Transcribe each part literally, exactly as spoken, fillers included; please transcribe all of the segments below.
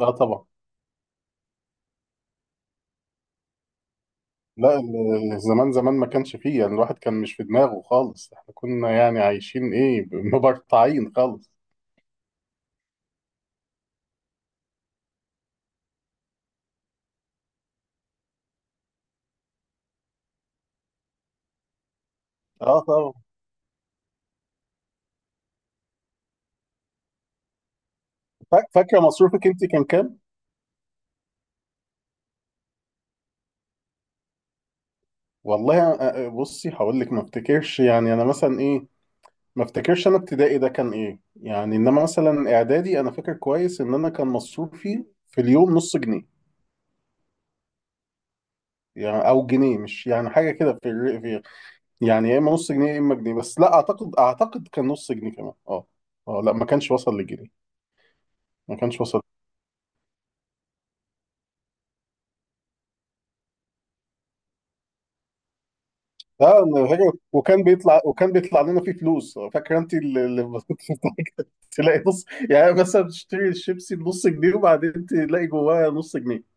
لا طبعا. لا ال- زمان زمان ما كانش فيه، يعني الواحد كان مش في دماغه خالص. احنا كنا يعني عايشين ايه ب- مبرطعين خالص. اه طبعا. فا- فاكره مصروفك انت كان كام؟ والله أ- أ- بصي هقول لك، ما افتكرش يعني انا مثلا ايه ما افتكرش انا ابتدائي ده كان ايه، يعني انما مثلا اعدادي انا فاكر كويس ان انا كان مصروفي في اليوم نص جنيه. يعني او جنيه، مش يعني حاجه كده في، الر- في يعني يا اما نص جنيه يا اما جنيه، بس لا اعتقد اعتقد كان نص جنيه كمان اه. اه لا، ما كانش وصل لجنيه. ما كانش وسط. لا أنا فاكر، وكان بيطلع وكان بيطلع لنا فيه فلوس، فاكر؟ انت اللي اللي بتاعك تلاقي نص، يعني مثلا تشتري الشيبسي بنص جنيه وبعدين تلاقي جواه نص جنيه.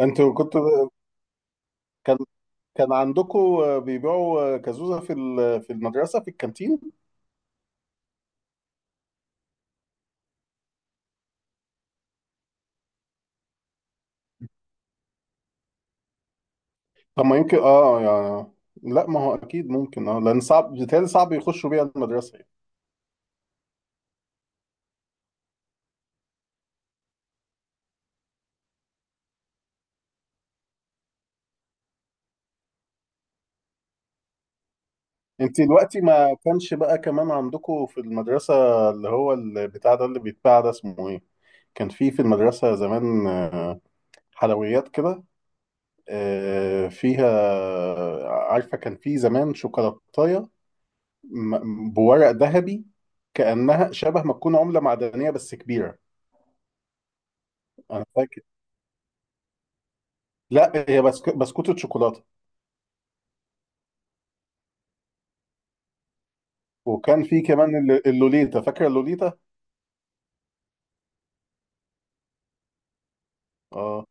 انتوا كنتوا كان كان عندكم بيبيعوا كازوزة في ال- في المدرسة في الكانتين؟ طب ما يمكن اه يعني، لا ما هو اكيد ممكن اه، لان صعب بيتهيألي صعب يخشوا بيها المدرسة يعني. انت دلوقتي ما كانش بقى كمان عندكم في المدرسة اللي هو البتاع ده اللي بيتباع ده اسمه ايه؟ كان في في المدرسة زمان آه، حلويات كده، آه، فيها، عارفة كان في زمان شوكولاتاية م- بورق ذهبي، كأنها شبه ما تكون عملة معدنية بس كبيرة. أنا فاكر، لا هي بسك... بسكوتة شوكولاتة. وكان في كمان الل- اللوليتا، فاكرة اللوليتا؟ اه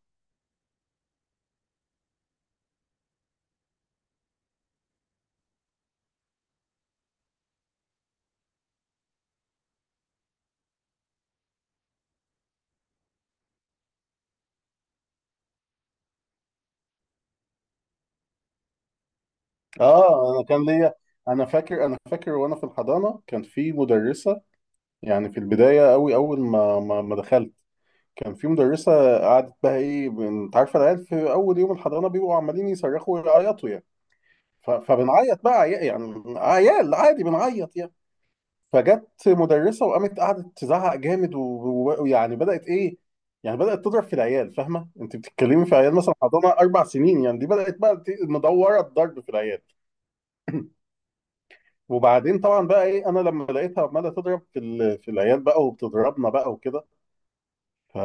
اه. أنا كان ليا، أنا فاكر أنا فاكر وأنا في الحضانة كان في مدرسة، يعني في البداية أوي أول ما ما ما دخلت كان في مدرسة قعدت بقى إيه، بن- أنت عارفة العيال في أول يوم الحضانة بيبقوا عمالين يصرخوا ويعيطوا يعني. ف- فبنعيط بقى عيا- يعني عيال عادي بنعيط يعني. فجت مدرسة وقامت قعدت تزعق جامد و- ويعني بدأت إيه، يعني بدأت تضرب في العيال، فاهمة؟ أنت بتتكلمي في عيال مثلا حضانة أربع سنين، يعني دي بدأت بقى ت- مدورة الضرب في العيال. وبعدين طبعا بقى إيه، أنا لما لقيتها عمالة تضرب في ال- في العيال بقى وبتضربنا بقى وكده، ف-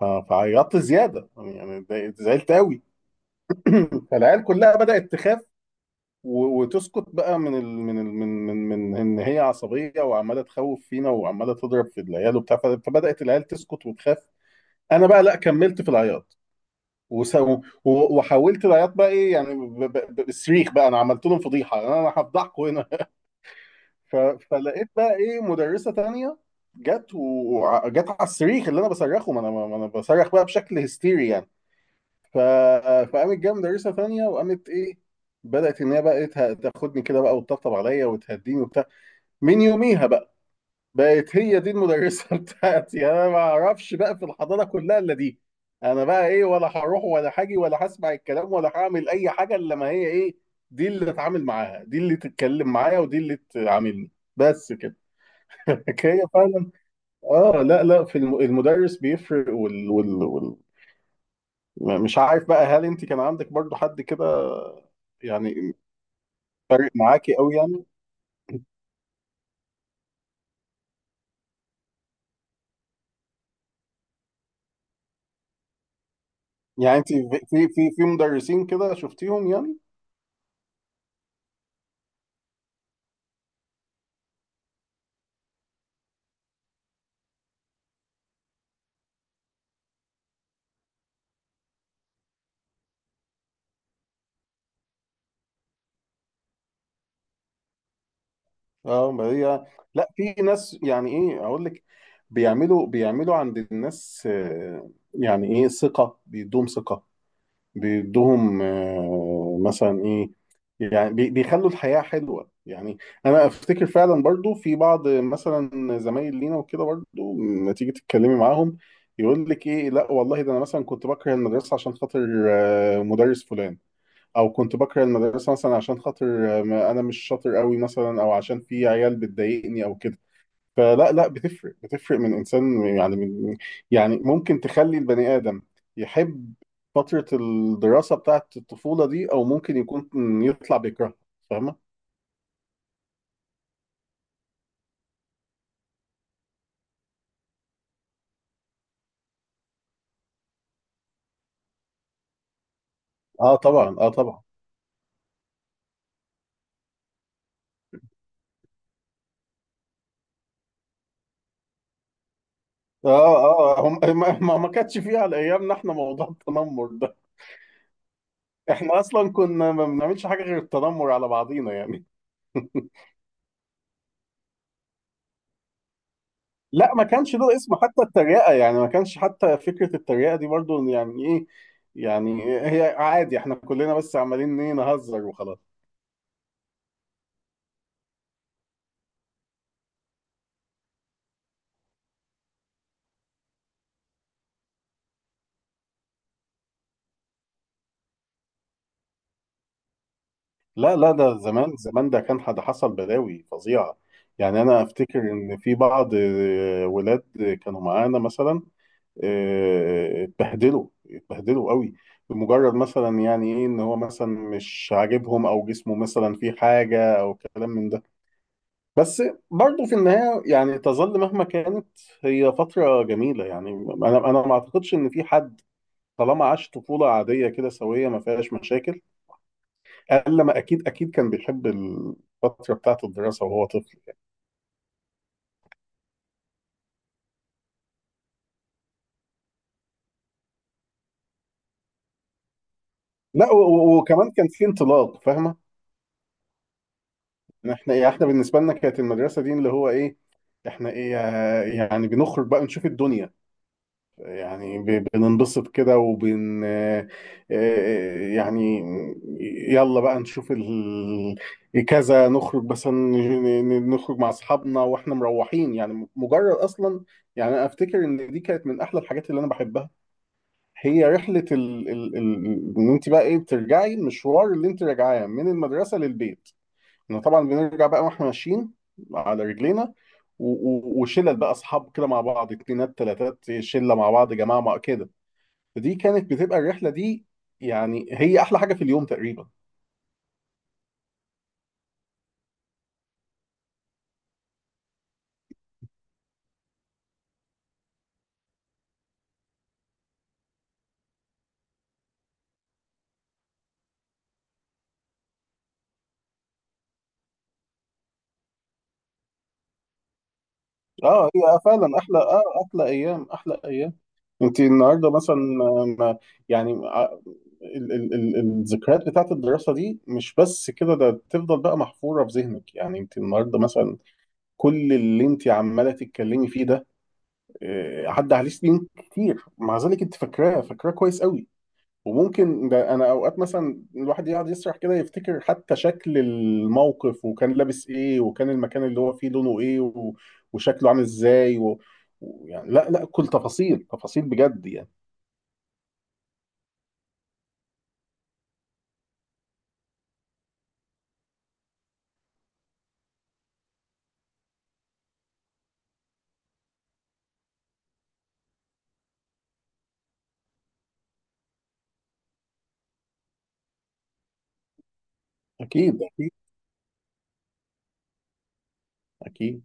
ف- فعيطت زيادة يعني، يعني اتضايقت- زعلت قوي. فالعيال كلها بدأت تخاف و- وتسكت بقى من ال... من ال... من من من ان هي عصبيه وعماله تخوف فينا وعماله تضرب في العيال وبتاع، ف- فبدأت العيال تسكت وتخاف. انا بقى لا، كملت في العياط وس... و... وحولت العياط بقى ايه يعني ب... ب... ب- بالصريخ بقى، انا عملت لهم فضيحه، انا هفضحكم هنا. ف... فلقيت بقى ايه مدرسه تانية، جت وجت على الصريخ اللي انا بصرخه، ما انا ما انا بصرخ بقى بشكل هستيري يعني. ف... فقامت جايه مدرسه تانية وقامت ايه، بدات ان هي بقى ته- تاخدني كده بقى وتطبطب عليا وتهديني وبتاع. من يوميها بقى بقت هي دي المدرسه بتاعتي، يعني انا ما اعرفش بقى في الحضانه كلها الا دي. انا بقى ايه، ولا هروح ولا هاجي ولا هسمع الكلام ولا هعمل اي حاجه الا ما هي ايه، دي اللي اتعامل معاها، دي اللي تتكلم معايا، ودي اللي تعاملني، بس كده. هي فعلا، اه لا لا، في الم- المدرس بيفرق وال... وال... وال... م- مش عارف بقى هل انت كان عندك برضو حد كده يعني فارق معاكي قوي يعني؟ يعني انت في في في في مدرسين كده شفتيهم يعني؟ اه ما هي لا، في ناس يعني ايه اقول لك، بيعملوا بيعملوا عند الناس آه، يعني ايه ثقة، بيدوم ثقة، بيدوهم آه، مثلا ايه، يعني بي- بيخلوا الحياة حلوة يعني. انا افتكر فعلا برضو في بعض مثلا زمايل لينا وكده برضو، لما تيجي تتكلمي معاهم، يقول لك ايه لا والله ده انا مثلا كنت بكره المدرسة عشان خاطر آه، مدرس فلان، او كنت بكره المدرسة مثلا عشان خاطر آه، ما- انا مش شاطر قوي مثلا، او عشان في عيال بتضايقني او كده. فلا لا، بتفرق، بتفرق من انسان يعني من، يعني ممكن تخلي البني ادم يحب فتره الدراسه بتاعه الطفوله دي، او ممكن يكون يطلع بيكرهها، فاهمه؟ اه طبعا اه طبعا. اه اه هم ما ما ما كانتش فيه على ايامنا احنا موضوع التنمر ده. احنا اصلا كنا ما بنعملش حاجه غير التنمر على بعضينا يعني. لا ما كانش له اسم، حتى التريقه يعني ما كانش حتى فكره التريقه دي برضو يعني ايه، يعني هي عادي احنا كلنا بس عمالين ايه، نهزر وخلاص. لا لا، ده زمان زمان ده كان حد حصل بلاوي فظيعة، يعني أنا أفتكر إن في بعض آه، ولاد كانوا معانا مثلا آه، اتبهدلوا اتبهدلوا قوي، بمجرد مثلا يعني إيه إن هو مثلا مش عاجبهم، أو جسمه مثلا فيه حاجة، أو كلام من ده. بس برضه في النهاية يعني تظل مهما كانت هي فترة جميلة يعني. أنا أنا ما أعتقدش إن في حد طالما عاش طفولة عادية كده سوية ما فيهاش مشاكل، قال لما اكيد اكيد كان بيحب الفتره بتاعت الدراسه وهو طفل. لا و- و- وكمان كان في انطلاق، فاهمه؟ احنا ايه، احنا بالنسبه لنا كانت المدرسه دي اللي هو ايه، احنا ايه آه، يعني بنخرج بقى نشوف الدنيا، يعني ب- بننبسط كده وبن آه، آه، يعني يلا بقى نشوف ال... كذا، نخرج بس ن- ن- نخرج مع اصحابنا واحنا مروحين، يعني مجرد اصلا، يعني انا افتكر ان دي كانت من احلى الحاجات اللي انا بحبها، هي رحلة ال... ال... ال... ان انت بقى ايه بترجعي المشوار اللي انت راجعاه من المدرسة للبيت. احنا طبعا بنرجع بقى واحنا ماشيين على رجلينا، و... و... وشلل بقى اصحاب كده مع بعض، اتنينات تلاتات، شلة مع بعض، جماعة مع كده، فدي كانت بتبقى الرحلة دي، يعني هي احلى حاجة في اليوم تقريبا. اه هي فعلا احلى، اه احلى ايام احلى ايام. انت النهارده مثلا ما- يعني ع- ال ال ال الذكريات بتاعت الدراسه دي مش بس كده، ده تفضل بقى محفوره في ذهنك، يعني انت النهارده مثلا كل اللي انت عماله تتكلمي فيه ده آه، عدى عليه سنين كتير، مع ذلك انت فاكراه، فاكراه كويس قوي. وممكن ده انا اوقات مثلا الواحد يقعد يسرح كده، يفتكر حتى شكل الموقف وكان لابس ايه وكان المكان اللي هو فيه لونه ايه و- وشكله عامل ازاي و... و- يعني لا لا، كل تفاصيل تفاصيل بجد يعني. أكيد أكيد أكيد.